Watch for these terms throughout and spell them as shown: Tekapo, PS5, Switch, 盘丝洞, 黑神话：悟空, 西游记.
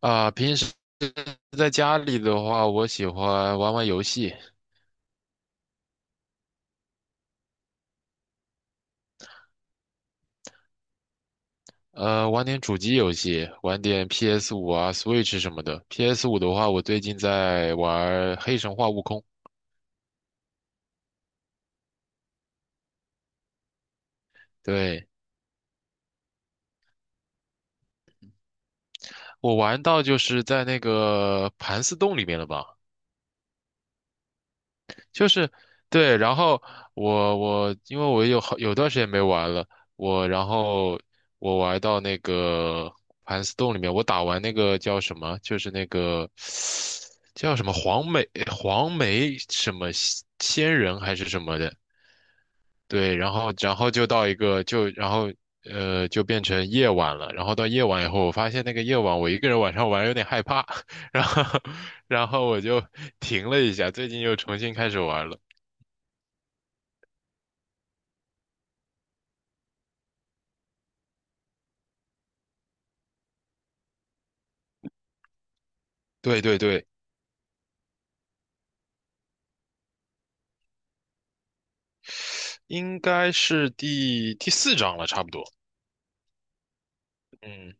啊，平时在家里的话，我喜欢玩玩游戏，玩点主机游戏，玩点 p s 五啊、Switch 什么的。p s 五的话，我最近在玩《黑神话：悟空》，对，我玩到就是在那个盘丝洞里面了吧。就是对，然后我因为我有段时间没玩了，我然后我玩到那个盘丝洞里面，我打完那个叫什么，就是那个叫什么黄梅什么仙人还是什么的，对，然后就到一个就然后就变成夜晚了，然后到夜晚以后，我发现那个夜晚我一个人晚上玩有点害怕，然后我就停了一下，最近又重新开始玩了。对对对，应该是第四章了，差不多。嗯，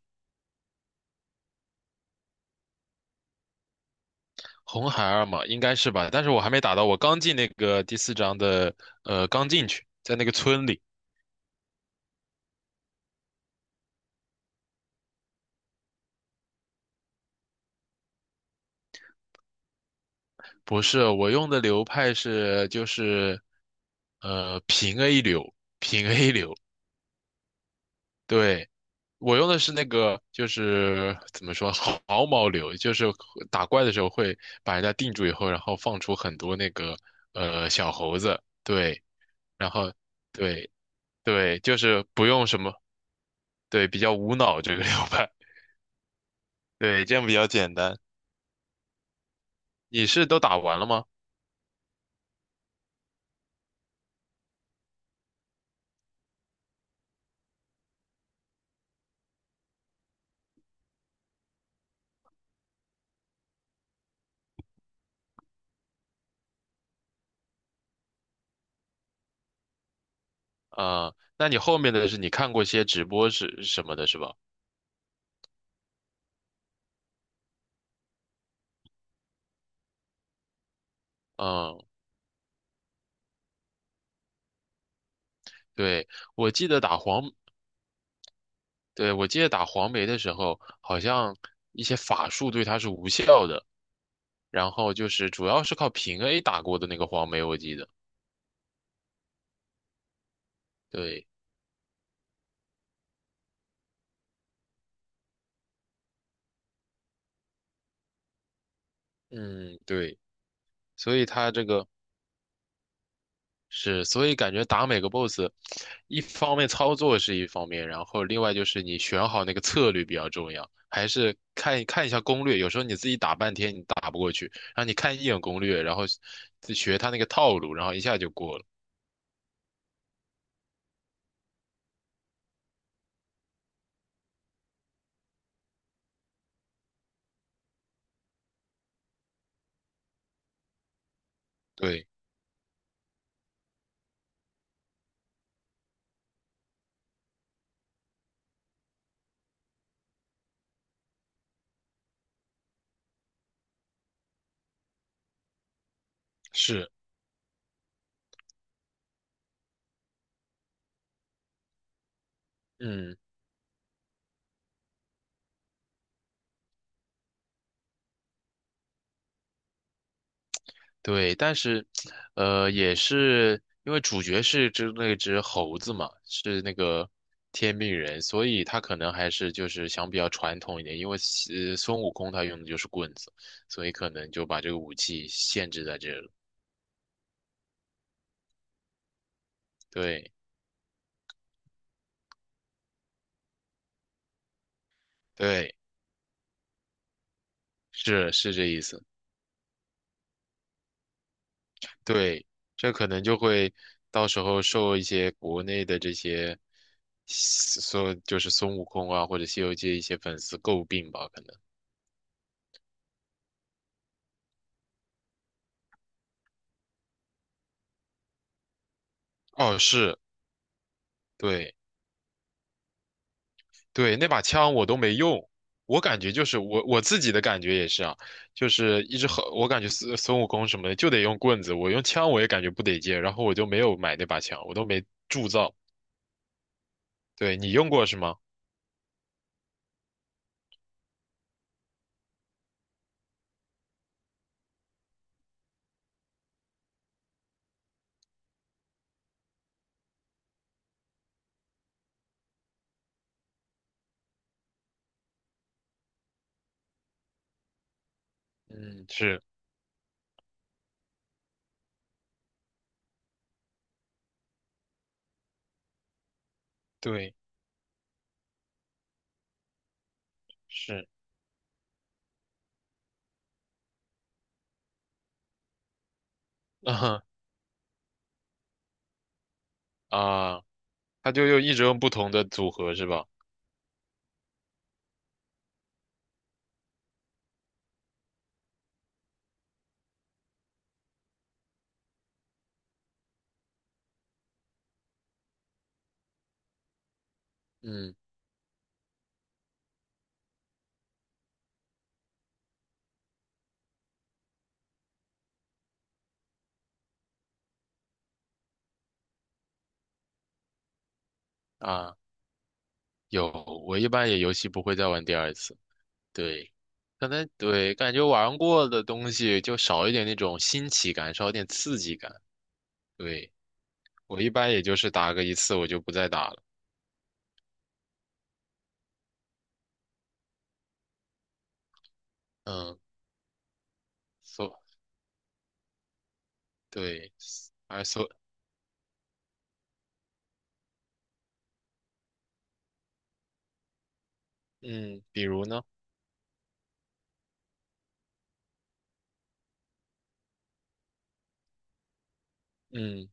红孩儿嘛，应该是吧？但是我还没打到，我刚进那个第四章的，刚进去，在那个村里。不是，我用的流派是就是，平 A 流，平 A 流。对，我用的是那个，就是怎么说，毫毛流，就是打怪的时候会把人家定住以后，然后放出很多那个小猴子。对，然后。对，对，就是不用什么，对，比较无脑这个流派，对，这样比较简单。你是都打完了吗？啊、那你后面的是你看过些直播是什么的，是吧？嗯，对，我记得打黄，对，我记得打黄梅的时候，好像一些法术对他是无效的，然后就是主要是靠平 A 打过的那个黄梅，我记得。对，嗯，对，所以他这个。是，所以感觉打每个 BOSS,一方面操作是一方面，然后另外就是你选好那个策略比较重要，还是看看一下攻略。有时候你自己打半天你打不过去，然后你看一眼攻略，然后自学他那个套路，然后一下就过了。对，是，嗯。对，但是，也是因为主角是只那只猴子嘛，是那个天命人，所以他可能还是就是想比较传统一点，因为孙悟空他用的就是棍子，所以可能就把这个武器限制在这了。对，对，是是这意思。对，这可能就会到时候受一些国内的这些就是孙悟空啊或者《西游记》一些粉丝诟病吧，可能。哦，是，对。对，那把枪我都没用，我感觉就是我自己的感觉也是啊，就是一直很，我感觉孙悟空什么的就得用棍子，我用枪我也感觉不得劲，然后我就没有买那把枪，我都没铸造。对，你用过是吗？嗯，是，对，是，啊啊，他就又一直用不同的组合是吧？嗯啊，有，我一般也游戏不会再玩第二次，对。可能对，感觉玩过的东西就少一点那种新奇感，少一点刺激感。对，我一般也就是打个一次，我就不再打了。嗯，所对，而所嗯，比如呢，嗯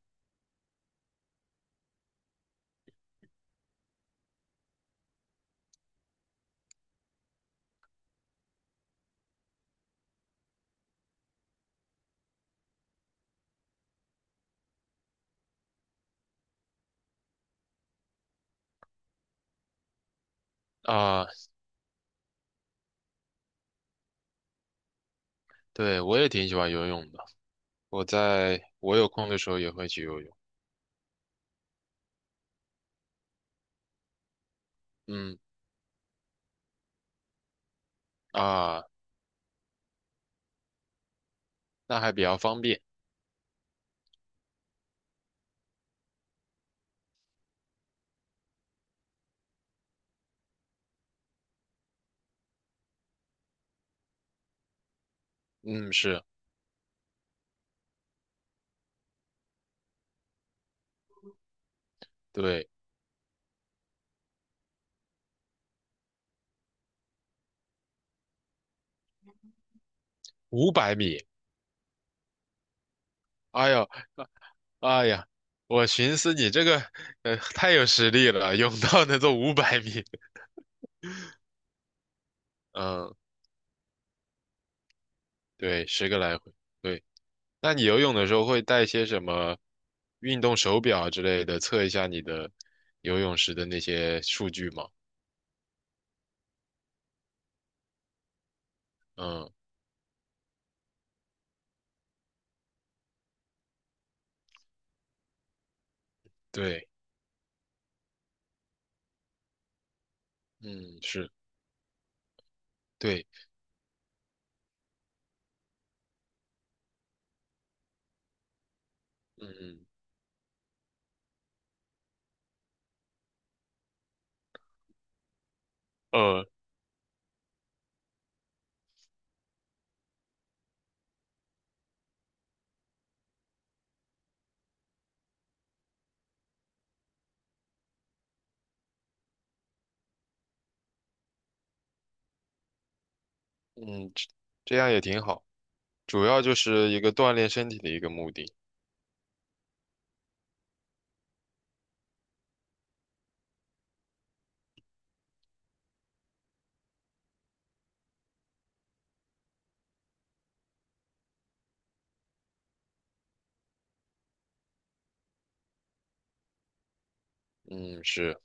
啊，对我也挺喜欢游泳的。我在我有空的时候也会去游泳。嗯啊，那还比较方便。嗯，是，对，五百米。哎呦，哎呀，我寻思你这个太有实力了，泳道能做五百米。嗯，对，十个来回。对。那你游泳的时候会带些什么运动手表啊之类的，测一下你的游泳时的那些数据吗？嗯，对，嗯，是，对，嗯嗯，嗯，这这样也挺好，主要就是一个锻炼身体的一个目的。嗯，是，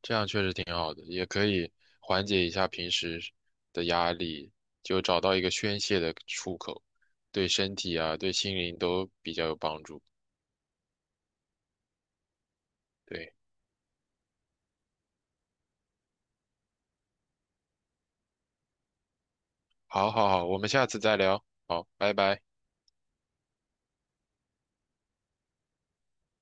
这样确实挺好的，也可以缓解一下平时的压力，就找到一个宣泄的出口，对身体啊，对心灵都比较有帮助。对。好好好，我们下次再聊。好，拜拜。